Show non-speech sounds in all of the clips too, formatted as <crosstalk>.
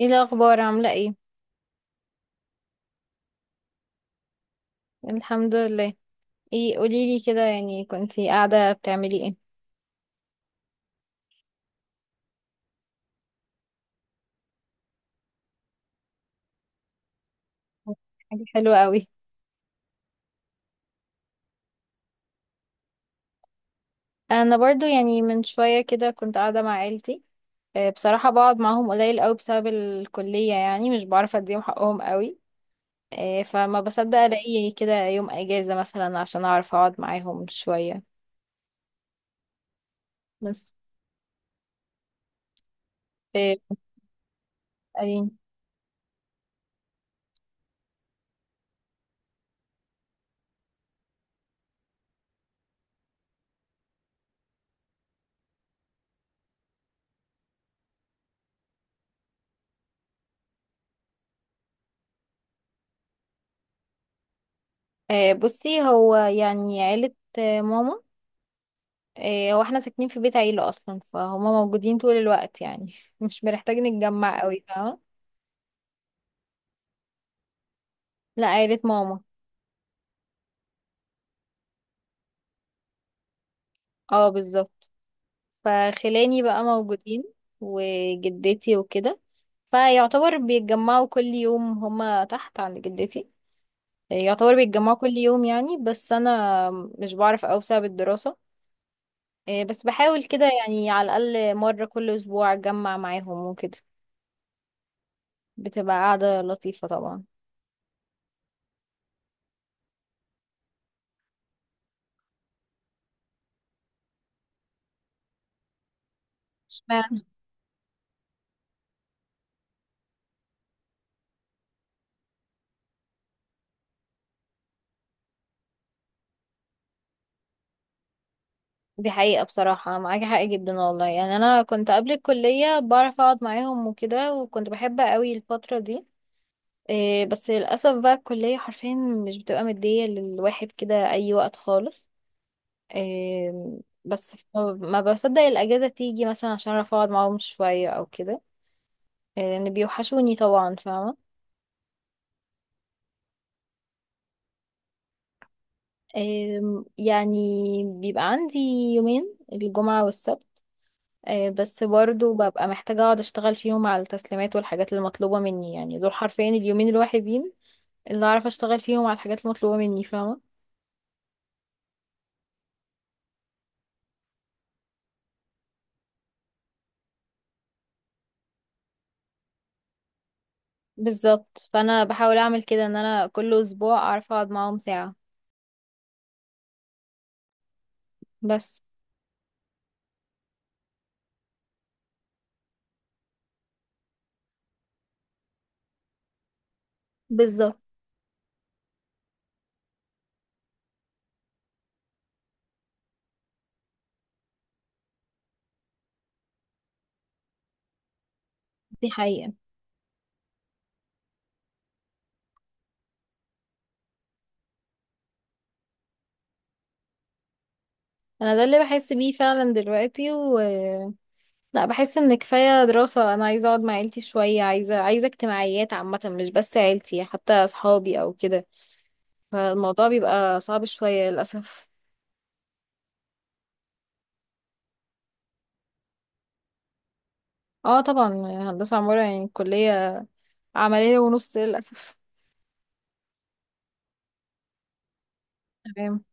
ايه الاخبار؟ عامله ايه؟ الحمد لله. ايه، قوليلي كده، يعني كنتي قاعده بتعملي ايه؟ حاجه حلوه قوي. انا برضو يعني من شويه كده كنت قاعده مع عيلتي. آه، بصراحه بقعد معاهم قليل قوي بسبب الكليه، يعني مش بعرف اديهم حقهم قوي. آه، فما بصدق الاقي كده يوم اجازه مثلا عشان اعرف اقعد معاهم شويه. بس. آه، قالين. آه، بصي، هو يعني عيله ماما. إيه، هو احنا ساكنين في بيت عيلة اصلا، فهما موجودين طول الوقت يعني <laughs> مش بنحتاج نتجمع قوي، فاهمة؟ لا، عيلة ماما. اه، بالظبط. فخلاني بقى موجودين وجدتي وكده، فيعتبر بيتجمعوا كل يوم هما تحت عند جدتي. إيه، يعتبر بيتجمعوا كل يوم يعني، بس انا مش بعرف اوي بسبب الدراسة. إيه، بس بحاول كده، يعني على الاقل مرة كل اسبوع اتجمع معاهم وكده. بتبقى قاعدة لطيفة طبعا. اشمعنى؟ دي حقيقة، بصراحة معاكي حق جدا والله، يعني أنا كنت قبل الكلية بعرف أقعد معاهم وكده، وكنت بحب قوي الفترة دي. إيه، بس للأسف بقى الكلية حرفيا مش بتبقى مدية للواحد كده أي وقت خالص. إيه، بس ما بصدق الأجازة تيجي مثلا عشان أعرف أقعد معاهم شوية أو كده. إيه، لأن بيوحشوني طبعا، فاهمة؟ إيه، يعني بيبقى عندي يومين، الجمعة والسبت. آه، بس برضو ببقى محتاجة اقعد اشتغل فيهم على التسليمات والحاجات اللي مطلوبة مني، يعني دول حرفيا اليومين الوحيدين اللي اعرف اشتغل فيهم على الحاجات المطلوبة مني، فاهمة؟ بالظبط، فانا بحاول اعمل كده ان انا كل اسبوع اعرف اقعد معاهم ساعة. بس. بالظبط. دي حقيقة. انا ده اللي بحس بيه فعلا دلوقتي، و لا، بحس ان كفاية دراسة، انا عايزة اقعد مع عيلتي شوية، عايزة عايزة اجتماعيات عامة، مش بس عيلتي، حتى اصحابي او كده. فالموضوع بيبقى صعب شوية للأسف. اه طبعا. هندسة عمارة يعني الكلية، عملية ونص للأسف. تمام.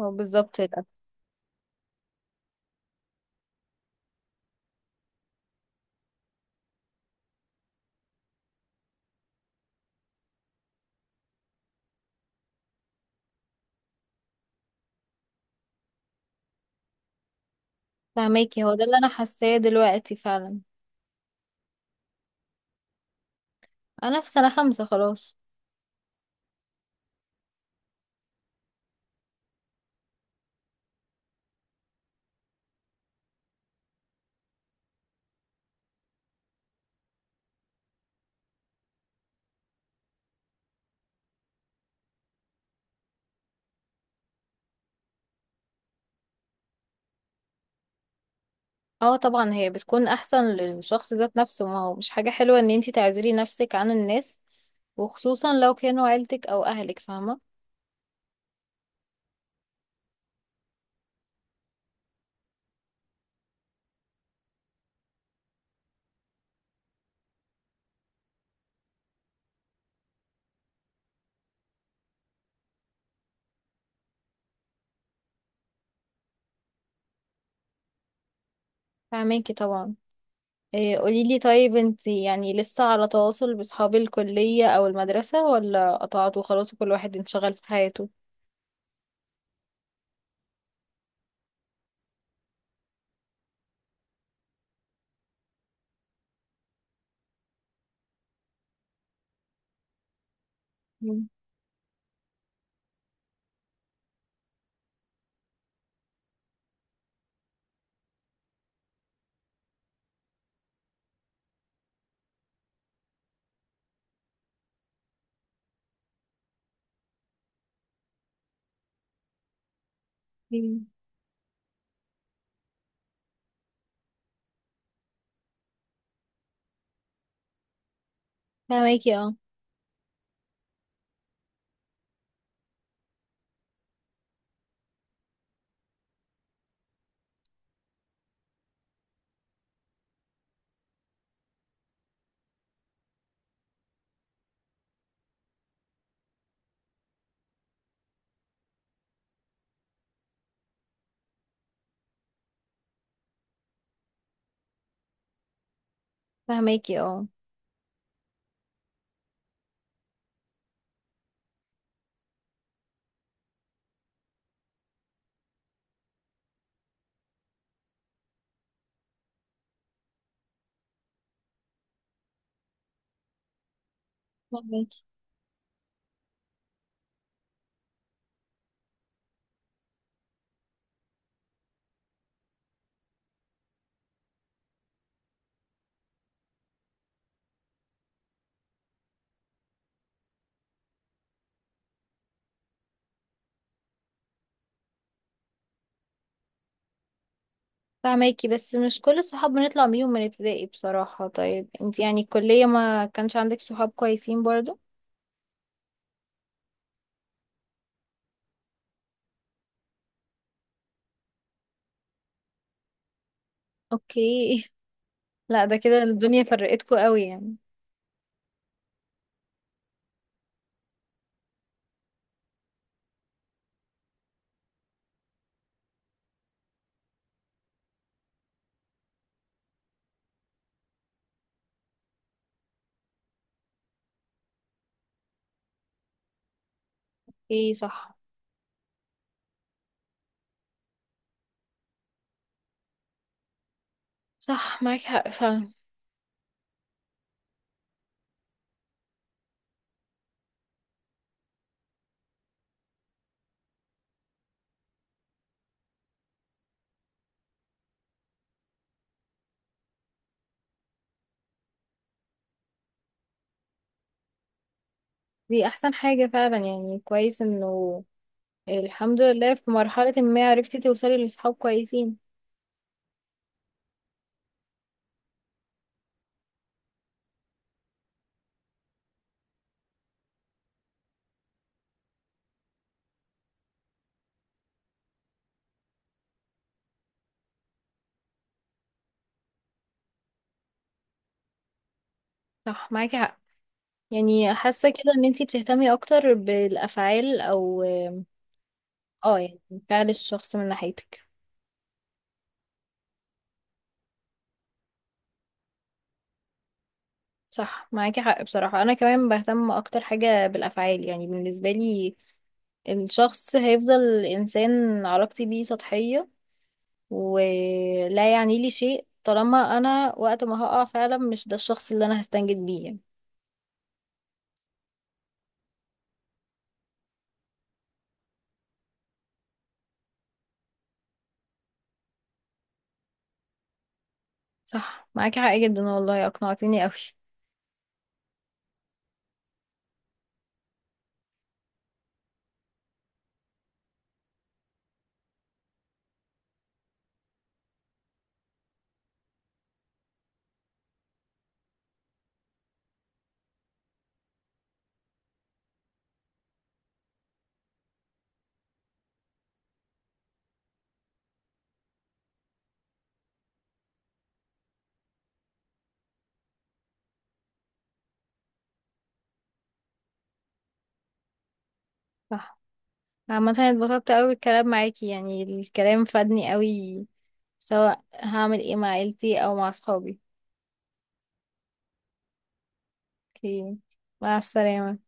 هو بالظبط للأسف. فهماكي، هو ده اللي أنا حاساه دلوقتي فعلا. أنا في سنة خمسة خلاص. اه طبعا، هي بتكون أحسن للشخص ذات نفسه، ما هو مش حاجة حلوة إن انتي تعزلي نفسك عن الناس، وخصوصا لو كانوا عيلتك أو أهلك، فاهمة؟ فهماكي طبعا. إيه، قوليلي، طيب انتي يعني لسه على تواصل بأصحاب الكلية أو المدرسة، ولا قطعتوا خلاص وكل واحد انشغل في حياته؟ مم. فهماكي اه. فهماكي اه. فهماكي. فهماكي، بس مش كل الصحاب بنطلع بيهم من ابتدائي بصراحة. طيب انت يعني الكلية ما كانش عندك صحاب كويسين برضو؟ اوكي. <laughs> لا، ده كده الدنيا فرقتكوا قوي يعني. ايه، صح. صح معاك حق فعلا. دي احسن حاجة فعلا، يعني كويس انه الحمد لله في مرحلة ما عرفتي توصلي لصحاب كويسين. صح معاكي حق. يعني حاسة كده ان انتي بتهتمي اكتر بالافعال او اه يعني فعل الشخص من ناحيتك. صح معاكي حق بصراحة، أنا كمان بهتم أكتر حاجة بالأفعال، يعني بالنسبة لي الشخص هيفضل إنسان علاقتي بيه سطحية ولا يعني لي شيء طالما أنا وقت ما هقع فعلا مش ده الشخص اللي أنا هستنجد بيه يعني. صح معاكي حق جدا والله، أقنعتيني أوي. صح. عامة اتبسطت أوي الكلام معاكي، يعني الكلام فادني أوي، سواء هعمل ايه مع عيلتي أو مع صحابي. اوكي. مع السلامة.